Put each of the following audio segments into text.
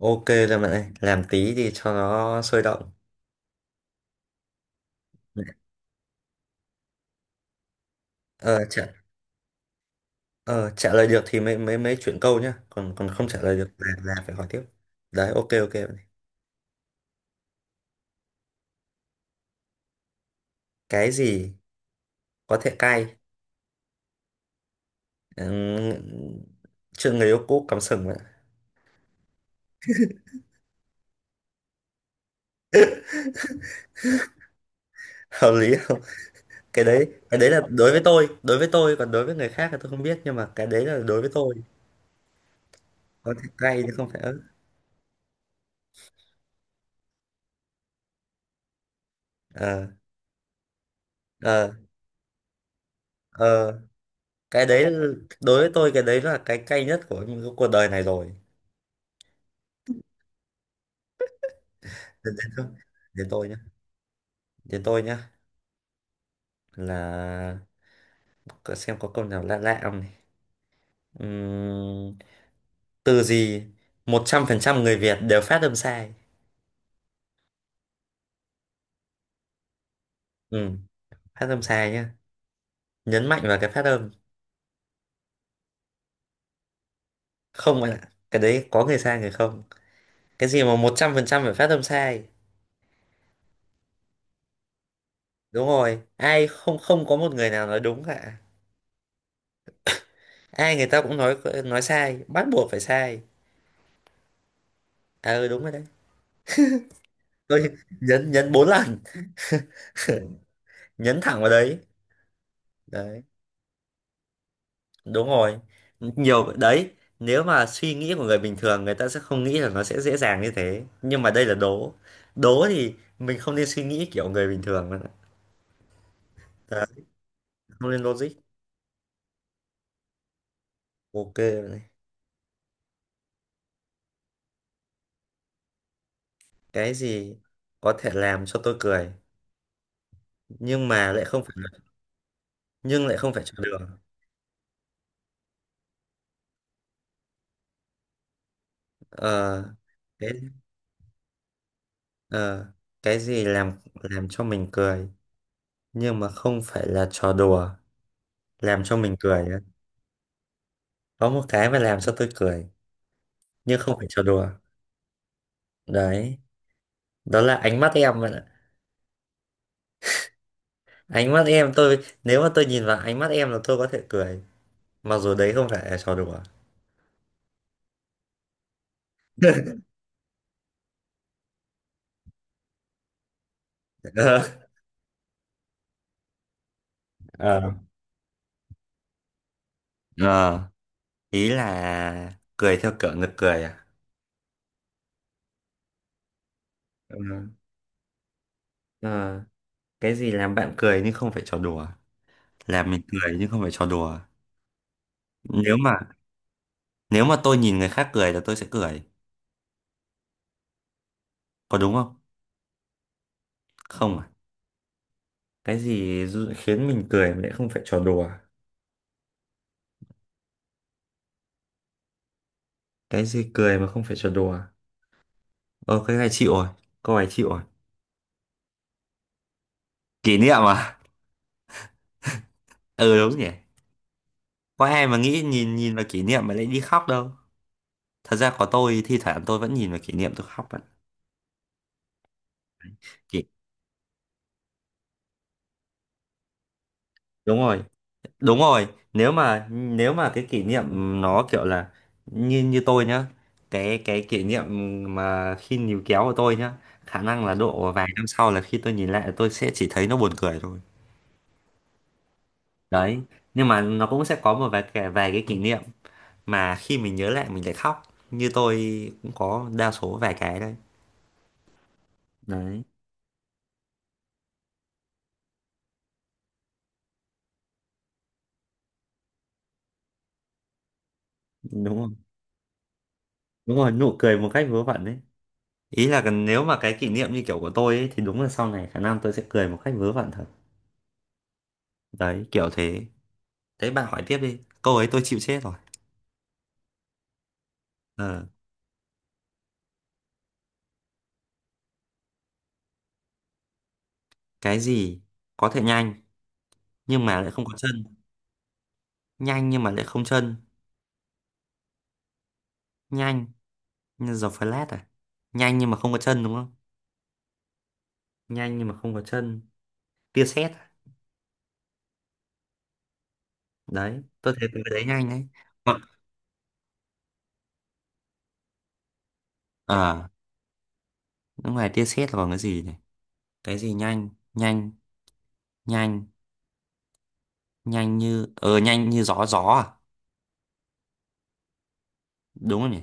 Ok rồi bạn ơi, làm tí thì cho nó sôi động. Ờ, trả, ờ, trả lời được thì mới mới mới chuyển câu nhá, còn còn không trả lời được là phải hỏi tiếp. Đấy, ok, ok, bạn ơi. Cái gì có thể cay? Ừm, Chuyện người yêu cũ cắm sừng bạn ạ. Hợp lý không? Cái đấy là đối với tôi, đối với tôi, còn đối với người khác thì tôi không biết, nhưng mà cái đấy là đối với tôi. Có thể cay chứ không phải ớt. Ờ, ờ, ờ, cái đấy đối với tôi, cái đấy là cái cay nhất của cuộc đời này rồi. Đến đến tôi, đến tôi Đến tôi nhá là xem có câu nào lạ lạ không này. Ừm, Từ gì 100% người Việt đều phát âm sai. Ừ, phát âm sai nhá. Nhấn mạnh vào cái phát âm. Không bạn ạ. Cái đấy có người sai người không. Cái gì mà 100% phải phát âm sai. Đúng rồi. Ai không không có một người nào nói đúng cả. Ai người ta cũng nói sai, bắt buộc phải sai. À ừ, đúng rồi đấy. Tôi nhấn nhấn 4 lần, nhấn thẳng vào đấy. Đấy. Đúng rồi, nhiều đấy. Nếu mà suy nghĩ của người bình thường, người ta sẽ không nghĩ là nó sẽ dễ dàng như thế, nhưng mà đây là đố. Đố thì mình không nên suy nghĩ kiểu người bình thường nữa. Đấy, không nên logic. Ok này. Cái gì có thể làm cho tôi cười nhưng mà lại không phải, nhưng lại không phải cho đường. Ờ, cái ờ, cái gì làm cho mình cười nhưng mà không phải là trò đùa, làm cho mình cười á. Có một cái mà làm cho tôi cười nhưng không phải trò đùa. Đấy. Đó là ánh mắt em bạn ạ. Ánh mắt em tôi, nếu mà tôi nhìn vào ánh mắt em là tôi có thể cười, mặc dù đấy không phải là trò đùa. ờ Ờ, Ờ, Ý là cười theo kiểu nực cười à? Ờ, ờ, cái gì làm bạn cười nhưng không phải trò đùa, làm mình cười nhưng không phải trò đùa? Nếu mà nếu mà tôi nhìn người khác cười là tôi sẽ cười, có đúng không? Không à? Cái gì khiến mình cười mà lại không phải trò đùa? Cái gì cười mà không phải trò đùa? Ờ cái này chịu rồi. Câu này chịu rồi. Kỷ niệm à? Ừ, đúng nhỉ. Có ai mà nghĩ nhìn nhìn vào kỷ niệm mà lại đi khóc đâu? Thật ra có, tôi thi thoảng tôi vẫn nhìn vào kỷ niệm tôi khóc bạn. Kỷ... đúng rồi, đúng rồi. Nếu mà cái kỷ niệm nó kiểu là như như tôi nhá, cái kỷ niệm mà khi níu kéo của tôi nhá, khả năng là độ vài năm sau là khi tôi nhìn lại tôi sẽ chỉ thấy nó buồn cười thôi. Đấy. Nhưng mà nó cũng sẽ có một vài cái kỷ niệm mà khi mình nhớ lại mình lại khóc, như tôi, cũng có đa số vài cái đấy. Đấy. Đúng rồi, đúng rồi, nụ cười một cách vớ vẩn đấy. Ý là nếu mà cái kỷ niệm như kiểu của tôi ấy, thì đúng là sau này khả năng tôi sẽ cười một cách vớ vẩn thật. Đấy, kiểu thế. Thế bạn hỏi tiếp đi, câu ấy tôi chịu chết rồi. ờ, cái gì có thể nhanh nhưng mà lại không có chân? Nhanh nhưng mà lại không chân. Nhanh như giờ Flash à? Nhanh nhưng mà không có chân đúng không? Nhanh nhưng mà không có chân. Tia sét à? Đấy, tôi thấy cái đấy nhanh đấy. Hoặc ờ à, đúng rồi, tia sét là bằng cái gì này. Cái gì nhanh nhanh nhanh nhanh như nhanh như gió gió À, đúng rồi nhỉ.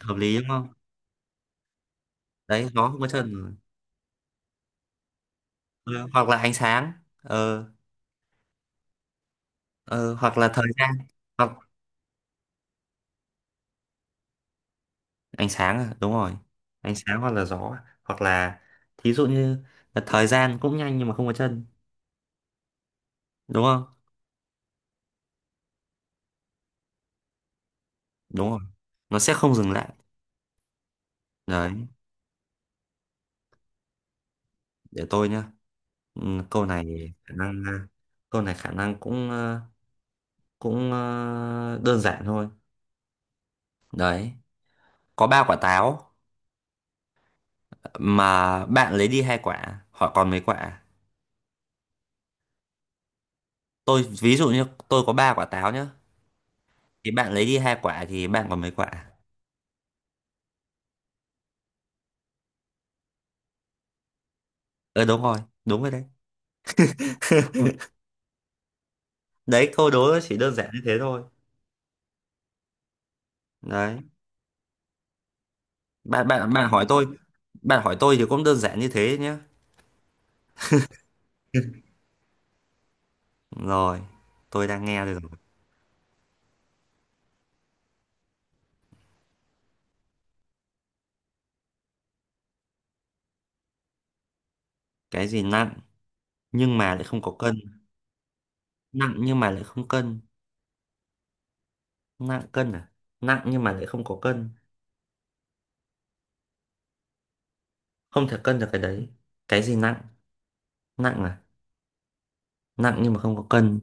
Hợp lý đúng không? Đấy, gió không có chân rồi. Ờ, hoặc là ánh sáng. Ờ ờ hoặc là thời gian. Hoặc ánh sáng à? Đúng rồi, ánh sáng hoặc là gió à. Hoặc là, thí dụ như là thời gian cũng nhanh nhưng mà không có chân. Đúng không? Đúng rồi, nó sẽ không dừng lại. Đấy. Để tôi nhá. Ừ, câu này khả năng ờ, câu này khả năng đơn giản thôi. Đấy, có ba quả táo mà bạn lấy đi hai quả họ còn mấy quả? Tôi ví dụ như tôi có ba quả táo nhá, thì bạn lấy đi hai quả thì bạn còn mấy quả? Ờ, đúng rồi, đúng rồi đấy. Đấy, câu đố nó chỉ đơn giản như thế thôi. Đấy. Bạn bạn bạn hỏi tôi. Bạn hỏi tôi thì cũng đơn giản như thế nhá. Rồi, tôi đang nghe đây rồi. Cái gì nặng nhưng mà lại không có cân? Nặng nhưng mà lại không cân. Nặng cân à? Nặng nhưng mà lại không có cân. Không thể cân được cái đấy. Cái gì nặng? Nặng à? Nặng nhưng mà không có cân.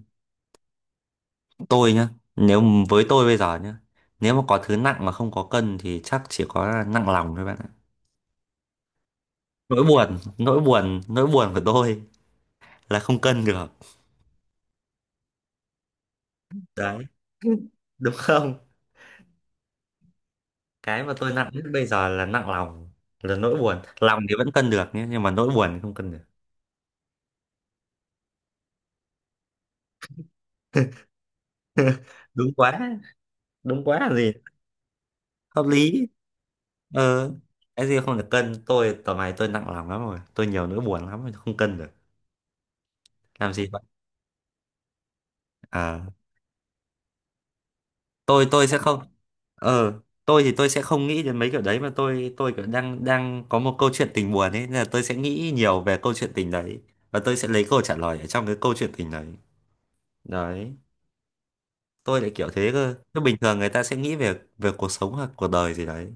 Tôi nhá, nếu với tôi bây giờ nhá, nếu mà có thứ nặng mà không có cân thì chắc chỉ có nặng lòng thôi bạn ạ. Nỗi buồn của tôi là không cân được. Đấy. Đúng không? Cái mà tôi nặng nhất bây giờ là nặng lòng, là nỗi buồn. Lòng thì vẫn cân được nhé, nhưng mà nỗi buồn thì không cân được. Đúng quá. Đúng quá là gì. Hợp lý. Ờ cái gì không được cân, tôi tầm này tôi nặng lòng lắm rồi, tôi nhiều nỗi buồn lắm không cân được. Làm gì vậy? Ờ. Tôi sẽ không, tôi thì tôi sẽ không nghĩ đến mấy kiểu đấy, mà tôi kiểu đang đang có một câu chuyện tình buồn ấy, nên là tôi sẽ nghĩ nhiều về câu chuyện tình đấy. Và tôi sẽ lấy câu trả lời ở trong cái câu chuyện tình đấy. Đấy. Tôi lại kiểu thế cơ, chứ bình thường người ta sẽ nghĩ về về cuộc sống hoặc cuộc đời gì đấy.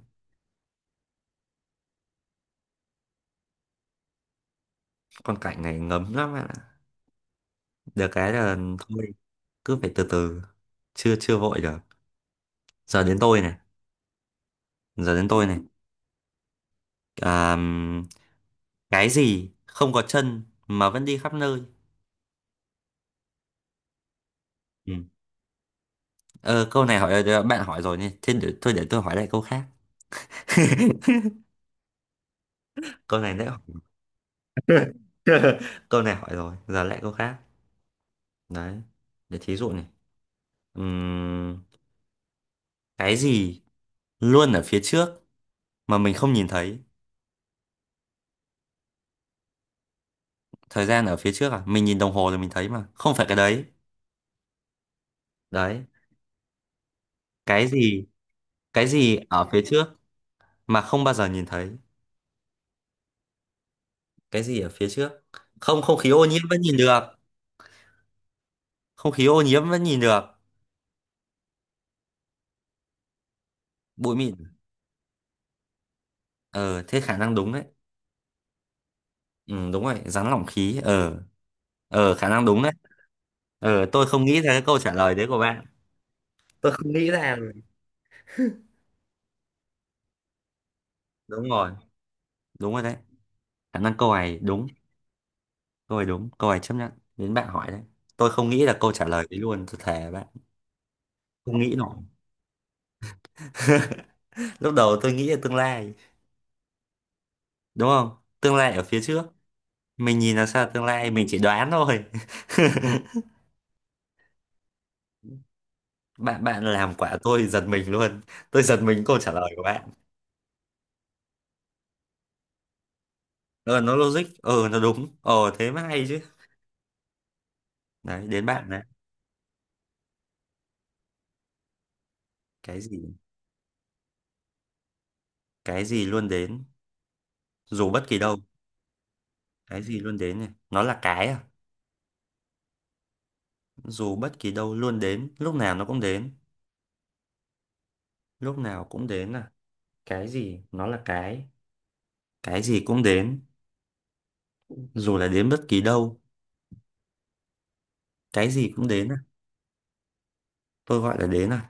Con cảnh này ngấm lắm ạ. Được cái là thôi. Cứ phải từ từ. Chưa chưa vội được. Giờ đến tôi này. Giờ đến tôi này. À, cái gì không có chân mà vẫn đi khắp nơi? Ừ. Ờ, câu này hỏi ờ, bạn hỏi rồi nhỉ. Thế thôi để tôi hỏi lại câu khác. Câu này đấy, câu này hỏi rồi, giờ lại câu khác. Đấy. Để thí dụ này. Ừm, cái gì luôn ở phía trước mà mình không nhìn thấy? Thời gian ở phía trước à? Mình nhìn đồng hồ rồi mình thấy mà, không phải cái đấy. Đấy. Cái gì? Cái gì ở phía trước mà không bao giờ nhìn thấy? Cái gì ở phía trước? Không, không khí ô nhiễm vẫn nhìn được. Không khí ô nhiễm vẫn nhìn được. Bụi mịn. Ờ, thế khả năng đúng đấy. Ừ, đúng rồi, rắn lỏng khí. Ờ, khả năng đúng đấy. Ờ, tôi không nghĩ ra cái câu trả lời đấy của bạn. Tôi không nghĩ ra rồi. Đúng rồi, đúng rồi đấy. Khả năng câu này đúng, câu này đúng, câu này chấp nhận. Đến bạn hỏi đấy. Tôi không nghĩ là câu trả lời đấy luôn, tôi thề bạn. Không nghĩ nổi. Lúc đầu tôi nghĩ là tương lai, đúng không? Tương lai ở phía trước. Mình nhìn là sao tương lai, mình chỉ đoán thôi. Bạn bạn làm quả tôi giật mình luôn. Tôi giật mình câu trả lời của bạn. Ờ, nó logic, nó đúng. Ờ, Thế mới hay. Đấy, đến bạn này. Cái gì cái gì luôn đến dù bất kỳ đâu? Cái gì luôn đến này, nó là cái à? Dù bất kỳ đâu, luôn đến lúc nào nó cũng đến. Lúc nào cũng đến à? Cái gì, nó là cái gì cũng đến, dù là đến bất kỳ đâu. Cái gì cũng đến à? Tôi gọi là đến à?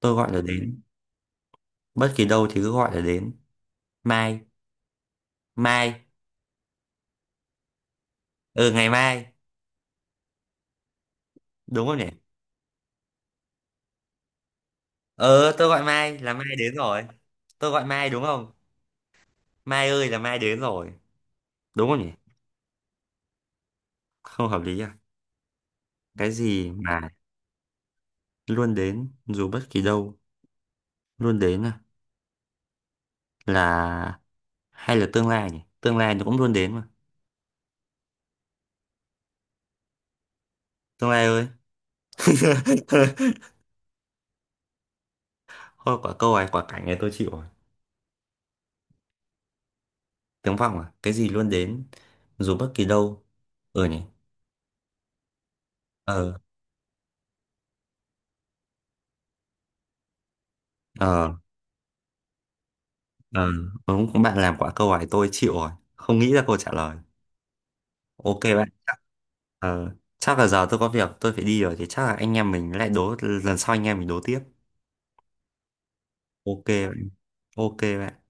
Tôi gọi là đến. Bất kỳ đâu thì cứ gọi là đến. Mai mai Ừ, ngày mai, đúng không nhỉ? Ờ tôi gọi mai là mai đến rồi. Tôi gọi mai đúng không? Mai ơi, là mai đến rồi. Đúng không nhỉ? Không hợp lý à? Cái gì mà luôn đến dù bất kỳ đâu, luôn đến à? Là, hay là tương lai nhỉ, tương lai nó cũng luôn đến mà. Tương lai ơi. Thôi quả câu này, quả cảnh này tôi chịu rồi. Tiếng vọng à? Cái gì luôn đến dù bất kỳ đâu? Ừ nhỉ. Ờ ờ ờ đúng cũng, bạn làm quả câu hỏi tôi chịu rồi, không nghĩ ra câu trả lời. Ok bạn. Chắc là giờ tôi có việc tôi phải đi rồi, thì chắc là anh em mình lại đố lần sau, anh em mình đố tiếp. Ok bạn. Ok bạn